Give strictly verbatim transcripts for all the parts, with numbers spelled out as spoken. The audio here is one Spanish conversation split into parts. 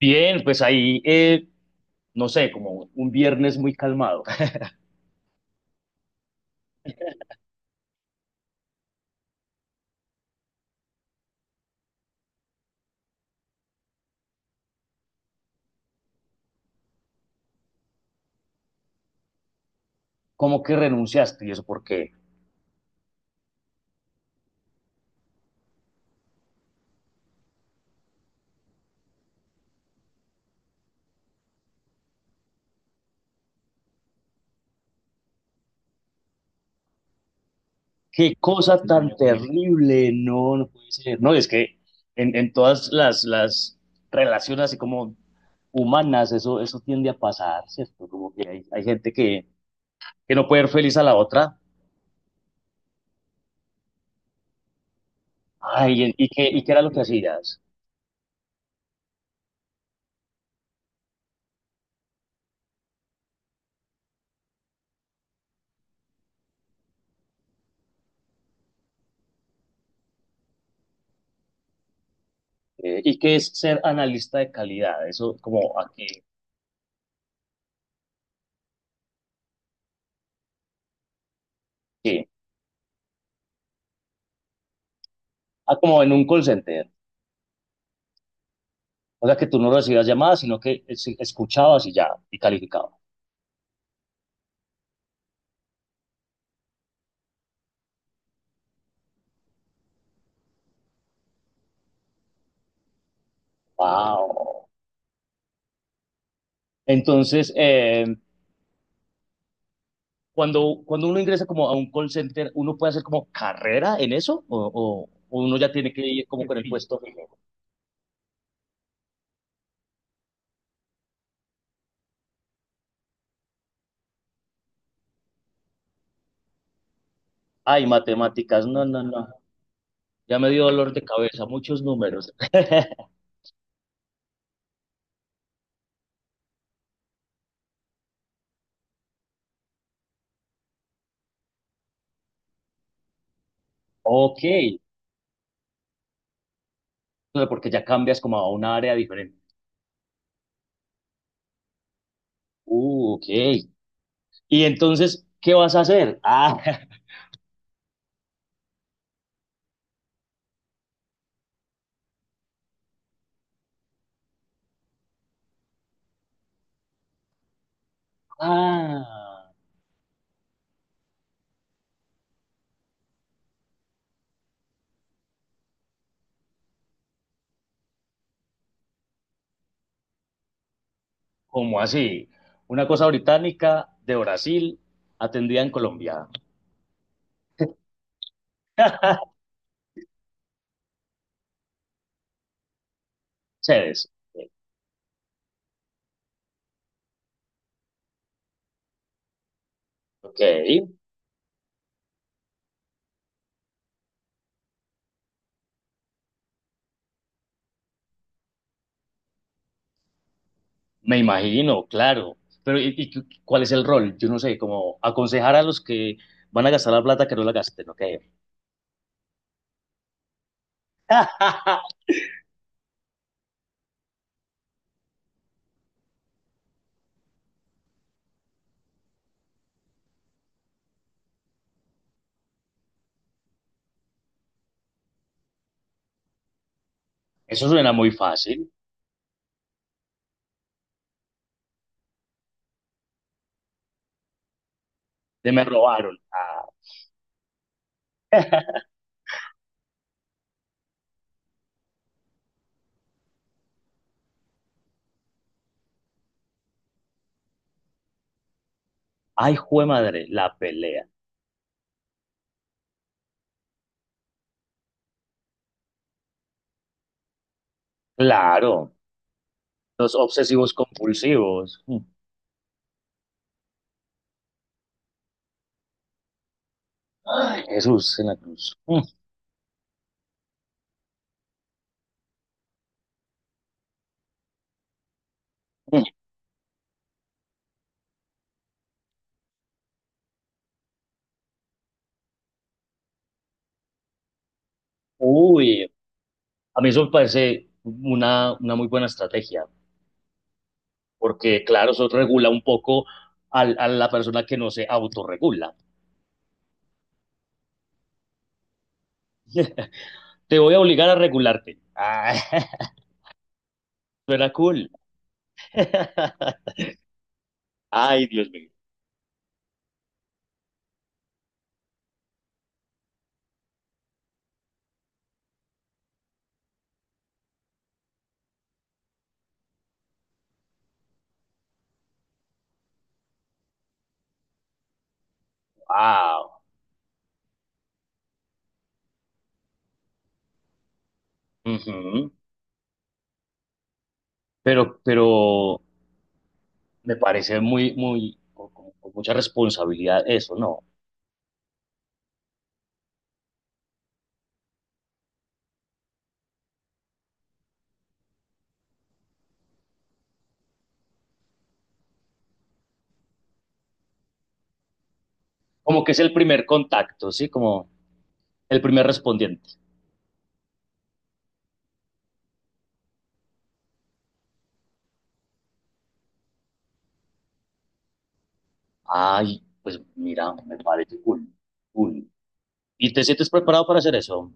Bien, pues ahí, eh, no sé, como un viernes muy calmado. ¿Cómo que renunciaste? ¿Y eso por qué? Qué cosa tan terrible, no, no puede ser. No, es que en, en todas las, las relaciones así como humanas, eso, eso tiende a pasar, ¿cierto? Como que hay, hay gente que, que no puede ser feliz a la otra. Ay, ¿y qué, y qué era lo que hacías? Eh, ¿y qué es ser analista de calidad? Eso como aquí, ¿qué? Ah, como en un call center. O sea que tú no recibías llamadas, sino que es- escuchabas y ya, y calificabas. ¡Wow! Entonces, eh, cuando, cuando uno ingresa como a un call center, ¿uno puede hacer como carrera en eso? ¿O, o- o uno ya tiene que ir como con el sí puesto fijo? Ay, matemáticas, no, no, no. Ya me dio dolor de cabeza, muchos números. Ok, pero porque ya cambias como a un área diferente. Uh, ok. Y entonces, ¿qué vas a hacer? Ah, ah. ¿Cómo así? Una cosa británica de Brasil atendida en Colombia. Chévez. Ok, me imagino, claro. Pero ¿y, y cu- cuál es el rol? Yo no sé, como aconsejar a los que van a gastar la plata que no la gasten, ok. Eso suena muy fácil. De me robaron. Ah, ay, jue madre, la pelea. Claro, los obsesivos compulsivos. Mm. Ay, Jesús en la cruz. Mm, mm. Uy, a mí eso me parece una, una muy buena estrategia, porque claro, eso regula un poco al- a la persona que no se autorregula. Te voy a obligar a regularte. Ah, suena cool. Ay, Dios mío. Wow. Ujú. Pero, pero me parece muy, muy, con, con- con mucha responsabilidad eso, ¿no? Como que es el primer contacto, ¿sí? Como el primer respondiente. Ay, pues mira, me parece cool, cool. ¿Y te sientes preparado para hacer eso?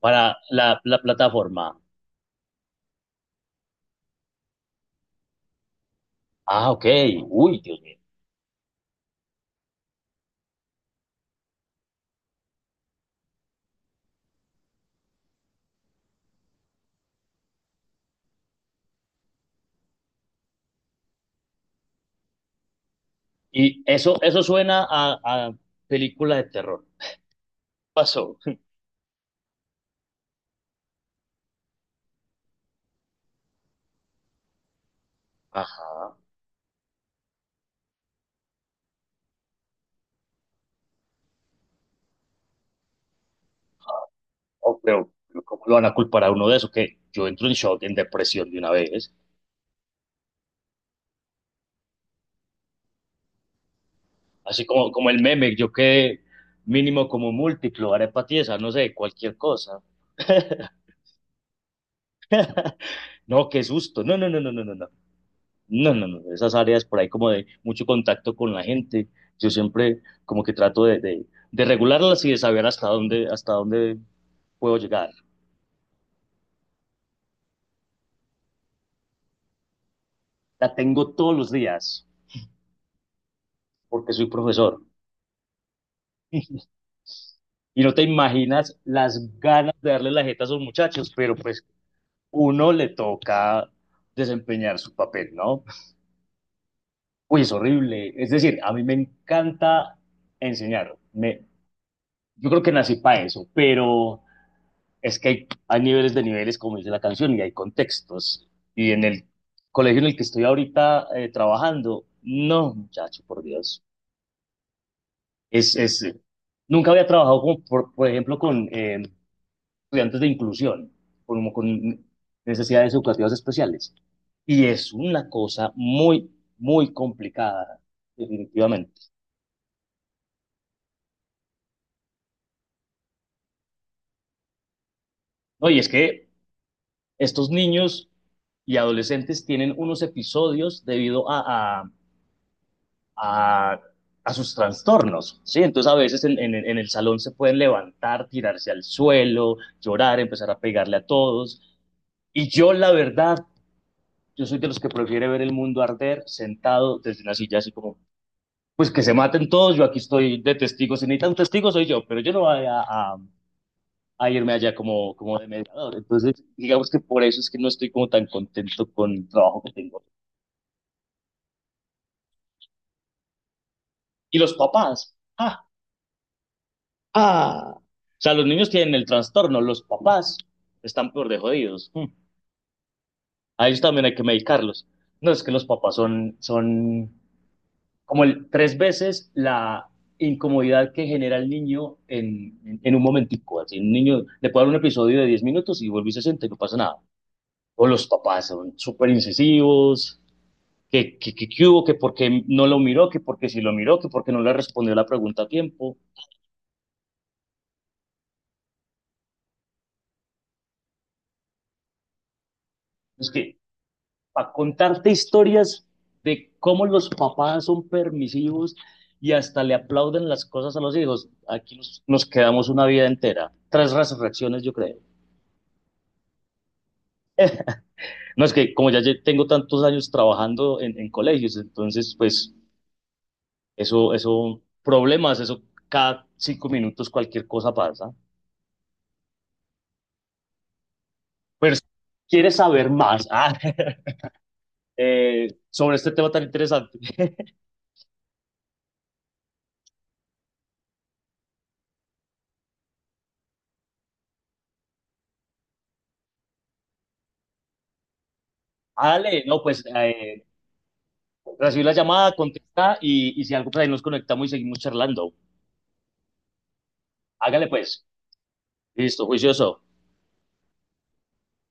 Para la, la plataforma. Ah, ok. Uy, Dios mío. Y eso, eso suena a, a película de terror. Pasó. Ajá. Oh, pero, pero ¿cómo lo van a culpar a uno de eso? Que yo entro en shock, en depresión de una vez. Así como, como el meme, yo quedé mínimo como múltiplo, arepa tiesa, no sé, cualquier cosa. No, qué susto. No, no, no, no, no, no, no. No, no, no, esas áreas por ahí como de mucho contacto con la gente, yo siempre como que trato de, de, de regularlas y de saber hasta dónde, hasta dónde puedo llegar. La tengo todos los días porque soy profesor y no te imaginas las ganas de darle la jeta a esos muchachos, pero pues uno le toca desempeñar su papel, ¿no? Uy, es horrible. Es decir, a mí me encanta enseñar. Me, yo creo que nací para eso, pero es que hay, hay niveles de niveles, como dice la canción, y hay contextos. Y en el colegio en el que estoy ahorita eh, trabajando, no, muchacho, por Dios. Es, es, eh, Nunca había trabajado, como por, por ejemplo, con eh, estudiantes de inclusión, como con necesidades educativas especiales. Y es una cosa muy, muy complicada, definitivamente. No, y es que estos niños y adolescentes tienen unos episodios debido a, a, a sus trastornos, ¿sí? Entonces a veces en, en- en el salón se pueden levantar, tirarse al suelo, llorar, empezar a pegarle a todos. Y yo, la verdad, yo soy de los que prefiere ver el mundo arder sentado desde una silla así como, pues que se maten todos, yo aquí estoy de testigo, si necesitan un testigo soy yo, pero yo no voy a, a- a irme allá como, como de mediador. Entonces, digamos que por eso es que no estoy como tan contento con el trabajo que tengo. Y los papás. Ah, ah, o sea, los niños tienen el trastorno, los papás están peor de jodidos. Mm. A ellos también hay que medicarlos. No, es que los papás son, son como el- tres veces la incomodidad que genera el niño en, en, en un momentico. Así, un niño le puede dar un episodio de diez minutos y vuelve y se siente, no pasa nada. O los papás son súper incisivos, que, que, que, que hubo, que porque no lo miró, que porque si lo miró, que porque no le respondió la pregunta a tiempo. Es que para contarte historias de cómo los papás son permisivos y hasta le aplauden las cosas a los hijos. Aquí nos, nos quedamos una vida entera, tres resurrecciones yo creo. No, es que como ya tengo tantos años trabajando en, en colegios, entonces pues eso, eso, problemas, eso cada cinco minutos cualquier cosa pasa. Pero si quieres saber más ah, eh, sobre este tema tan interesante, dale, no, pues eh, recibí la llamada, contesta y, y si algo, pues ahí nos conectamos y seguimos charlando. Hágale pues. Listo, juicioso.